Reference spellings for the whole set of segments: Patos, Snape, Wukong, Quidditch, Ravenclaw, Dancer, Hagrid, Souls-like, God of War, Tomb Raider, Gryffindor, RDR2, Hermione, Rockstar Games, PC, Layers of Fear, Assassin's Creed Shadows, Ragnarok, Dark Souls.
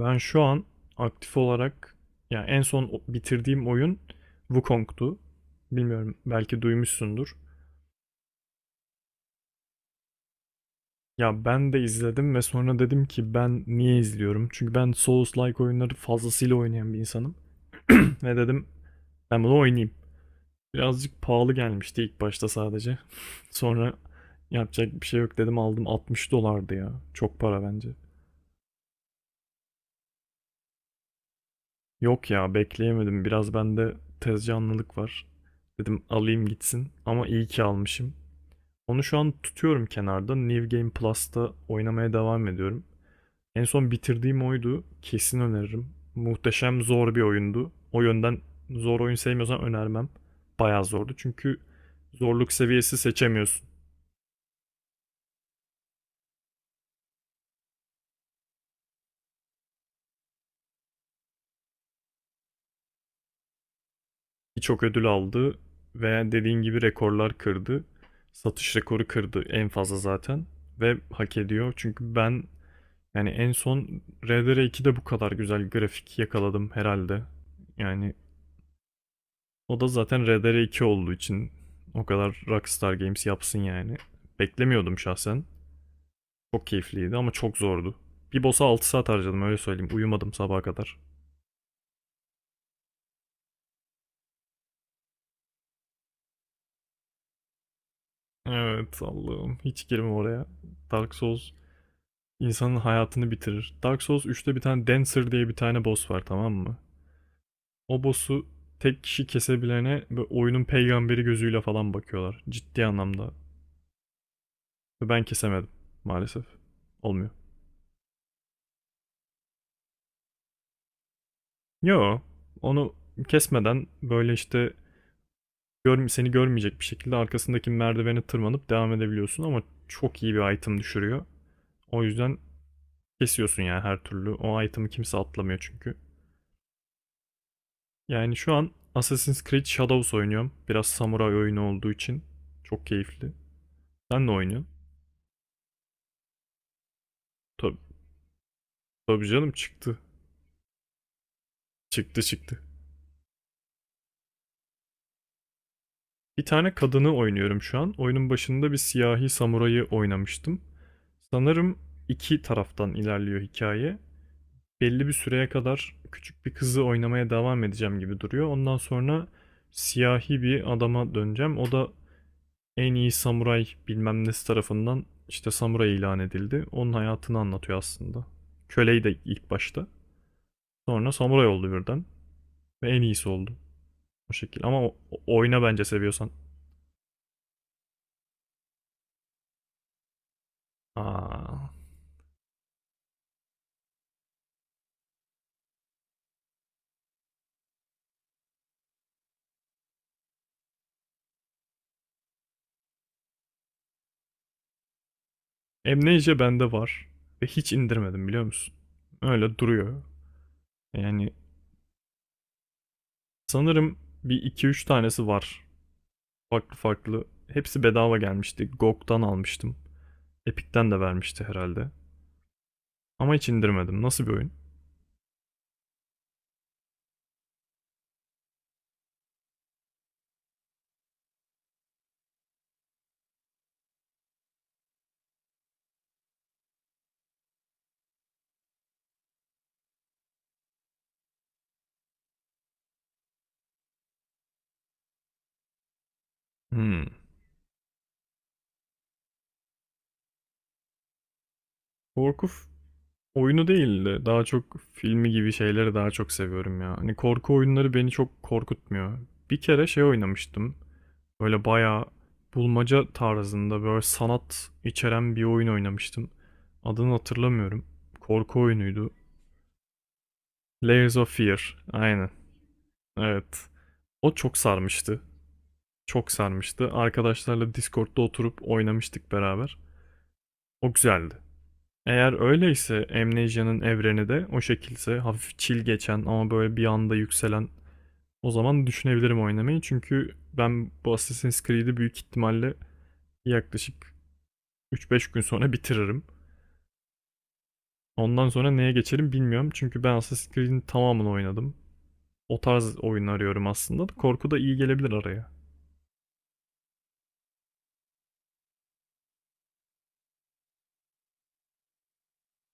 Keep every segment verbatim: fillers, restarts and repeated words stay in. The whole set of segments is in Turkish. Ben şu an aktif olarak yani en son bitirdiğim oyun Wukong'tu. Bilmiyorum belki duymuşsundur. Ya ben de izledim ve sonra dedim ki ben niye izliyorum? Çünkü ben Souls-like oyunları fazlasıyla oynayan bir insanım. Ve dedim ben bunu oynayayım. Birazcık pahalı gelmişti ilk başta sadece. Sonra yapacak bir şey yok dedim aldım altmış dolardı ya. Çok para bence. Yok ya bekleyemedim. Biraz bende tezcanlılık var. Dedim alayım gitsin. Ama iyi ki almışım. Onu şu an tutuyorum kenarda. New Game Plus'ta oynamaya devam ediyorum. En son bitirdiğim oydu. Kesin öneririm. Muhteşem zor bir oyundu. O yönden zor oyun sevmiyorsan önermem. Bayağı zordu çünkü zorluk seviyesi seçemiyorsun. Birçok ödül aldı ve dediğin gibi rekorlar kırdı. Satış rekoru kırdı en fazla zaten ve hak ediyor. Çünkü ben yani en son R D R iki'de bu kadar güzel grafik yakaladım herhalde. Yani o da zaten R D R iki olduğu için o kadar Rockstar Games yapsın yani. Beklemiyordum şahsen. Çok keyifliydi ama çok zordu. Bir boss'a altı saat harcadım öyle söyleyeyim. Uyumadım sabaha kadar. Evet Allah'ım hiç girme oraya. Dark Souls insanın hayatını bitirir. Dark Souls üçte bir tane Dancer diye bir tane boss var tamam mı? O boss'u tek kişi kesebilene oyunun peygamberi gözüyle falan bakıyorlar. Ciddi anlamda. Ve ben kesemedim maalesef. Olmuyor. Yo, onu kesmeden böyle işte görm seni görmeyecek bir şekilde arkasındaki merdivene tırmanıp devam edebiliyorsun ama çok iyi bir item düşürüyor. O yüzden kesiyorsun yani her türlü. O item'ı kimse atlamıyor çünkü. Yani şu an Assassin's Creed Shadows oynuyorum. Biraz samuray oyunu olduğu için çok keyifli. Sen ne oynuyorsun? Tabii, tabii canım çıktı. Çıktı çıktı. Bir tane kadını oynuyorum şu an. Oyunun başında bir siyahi samurayı oynamıştım. Sanırım iki taraftan ilerliyor hikaye. Belli bir süreye kadar küçük bir kızı oynamaya devam edeceğim gibi duruyor. Ondan sonra siyahi bir adama döneceğim. O da en iyi samuray bilmem nesi tarafından işte samuray ilan edildi. Onun hayatını anlatıyor aslında. Köleyi de ilk başta. Sonra samuray oldu birden. Ve en iyisi oldu. O şekil. Ama o- oyna bence seviyorsan. Aa. Amnesia bende var. Ve hiç indirmedim biliyor musun? Öyle duruyor. Yani sanırım bir iki üç tanesi var farklı farklı. Hepsi bedava gelmişti. GOG'dan almıştım. Epic'ten de vermişti herhalde. Ama hiç indirmedim. Nasıl bir oyun? Hmm. Korku oyunu değildi. Daha çok filmi gibi şeyleri daha çok seviyorum ya. Hani korku oyunları beni çok korkutmuyor. Bir kere şey oynamıştım. Böyle bayağı bulmaca tarzında böyle sanat içeren bir oyun oynamıştım. Adını hatırlamıyorum. Korku oyunuydu. Layers of Fear. Aynen. Evet. O çok sarmıştı. Çok sarmıştı. Arkadaşlarla Discord'da oturup oynamıştık beraber. O güzeldi. Eğer öyleyse Amnesia'nın evreni de o şekilse hafif chill geçen ama böyle bir anda yükselen o zaman düşünebilirim oynamayı. Çünkü ben bu Assassin's Creed'i büyük ihtimalle yaklaşık üç beş gün sonra bitiririm. Ondan sonra neye geçerim bilmiyorum. Çünkü ben Assassin's Creed'in tamamını oynadım. O tarz oyun arıyorum aslında. Korku da iyi gelebilir araya.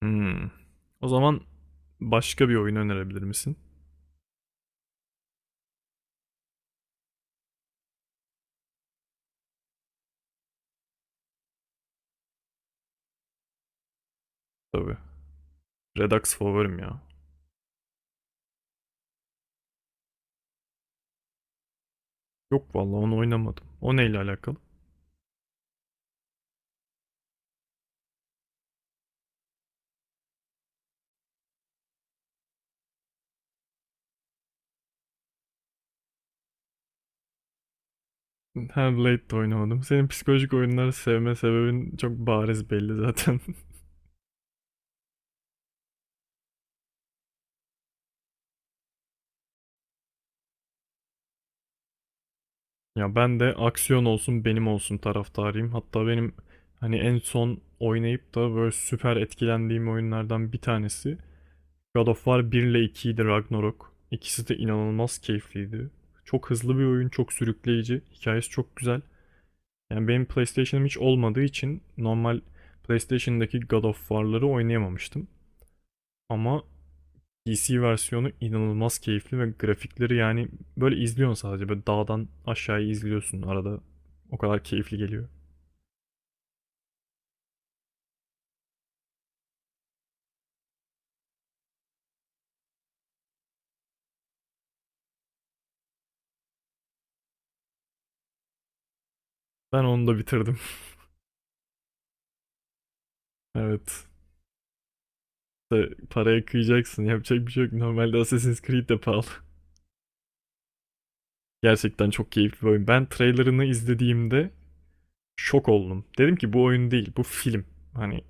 Hmm. O zaman başka bir oyun önerebilir misin? Tabii. Redux favorim ya. Yok vallahi onu oynamadım. O neyle alakalı? Ha Blade de oynamadım. Senin psikolojik oyunları sevme sebebin çok bariz belli zaten. Ya ben de aksiyon olsun benim olsun taraftarıyım. Hatta benim hani en son oynayıp da böyle süper etkilendiğim oyunlardan bir tanesi God of War bir ile ikiydi Ragnarok. İkisi de inanılmaz keyifliydi. Çok hızlı bir oyun, çok sürükleyici. Hikayesi çok güzel. Yani benim PlayStation'ım hiç olmadığı için normal PlayStation'daki God of War'ları oynayamamıştım. Ama P C versiyonu inanılmaz keyifli ve grafikleri yani böyle izliyorsun sadece. Böyle dağdan aşağıya izliyorsun arada. O kadar keyifli geliyor. Ben onu da bitirdim. Evet. İşte paraya kıyacaksın. Yapacak bir şey yok. Normalde Assassin's Creed de pahalı. Gerçekten çok keyifli bir oyun. Ben trailerını izlediğimde şok oldum. Dedim ki bu oyun değil, bu film. Hani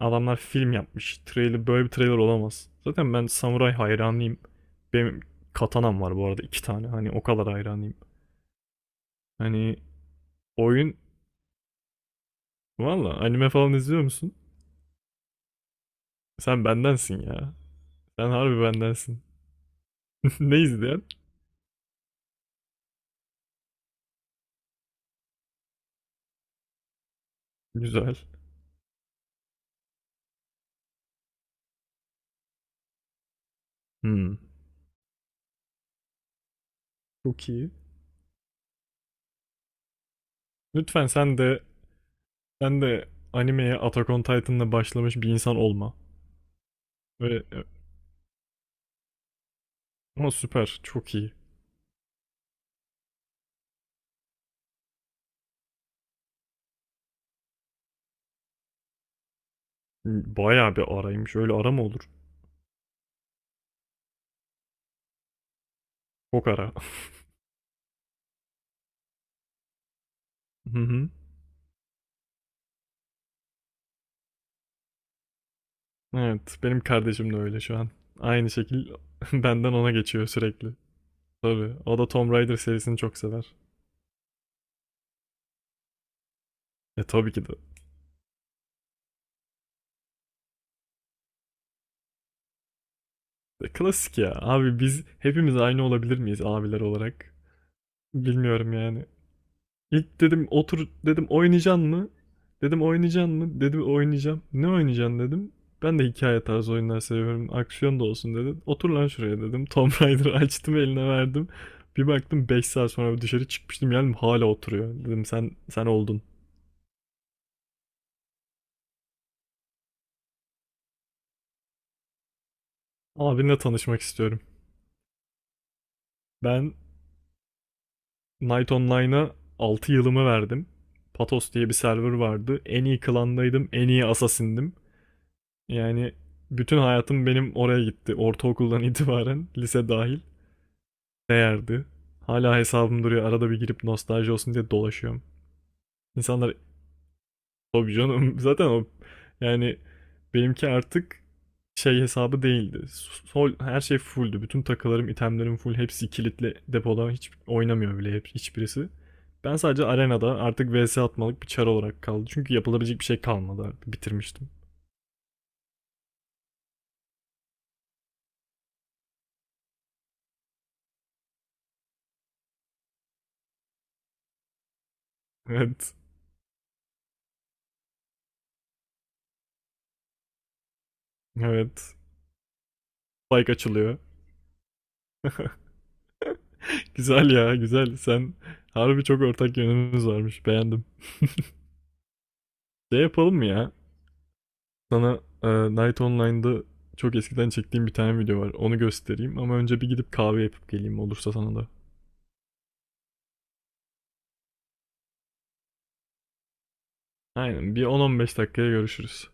adamlar film yapmış. Trailer böyle bir trailer olamaz. Zaten ben samuray hayranıyım. Benim katanam var bu arada iki tane. Hani o kadar hayranıyım. Hani oyun valla anime falan izliyor musun? Sen bendensin ya. Sen harbi bendensin. Ne izleyen? Güzel. Hmm. Çok iyi. Lütfen sen de sen de animeye Attack on Titan'la başlamış bir insan olma. Öyle, ama süper. Çok iyi. Bayağı bir araymış. Öyle ara mı olur? Çok ara. Hı hı. Evet, benim kardeşim de öyle şu an. Aynı şekil benden ona geçiyor sürekli. Tabii, o da Tomb Raider serisini çok sever. E tabii ki de. E, klasik ya. Abi biz hepimiz aynı olabilir miyiz abiler olarak? Bilmiyorum yani. İlk dedim otur dedim oynayacaksın mı? Dedim oynayacaksın mı? Dedi oynayacağım. Ne oynayacaksın dedim. Ben de hikaye tarzı oyunlar seviyorum. Aksiyon da olsun dedi. Otur lan şuraya dedim. Tomb Raider'ı açtım eline verdim. Bir baktım beş saat sonra dışarı çıkmıştım yani hala oturuyor. Dedim sen sen oldun. Abinle tanışmak istiyorum. Ben Knight Online'a altı yılımı verdim. Patos diye bir server vardı. En iyi klandaydım, en iyi assassin'dim. Yani bütün hayatım benim oraya gitti. Ortaokuldan itibaren, lise dahil. Değerdi. Hala hesabım duruyor. Arada bir girip nostalji olsun diye dolaşıyorum. İnsanlar tabii canım zaten o yani benimki artık şey hesabı değildi. Sol, her şey fulldü. Bütün takılarım, itemlerim full. Hepsi kilitli depoda. Hiç oynamıyor bile hep, hiçbirisi. Ben sadece arenada artık vs atmalık bir çar olarak kaldı. Çünkü yapılabilecek bir şey kalmadı artık. Bitirmiştim. Evet. Evet. Like açılıyor. Güzel ya güzel. Sen harbi çok ortak yönümüz varmış. Beğendim. Ne yapalım mı ya? Sana e, Night Online'da çok eskiden çektiğim bir tane video var. Onu göstereyim ama önce bir gidip kahve yapıp geleyim olursa sana da. Aynen bir on on beş dakikaya görüşürüz.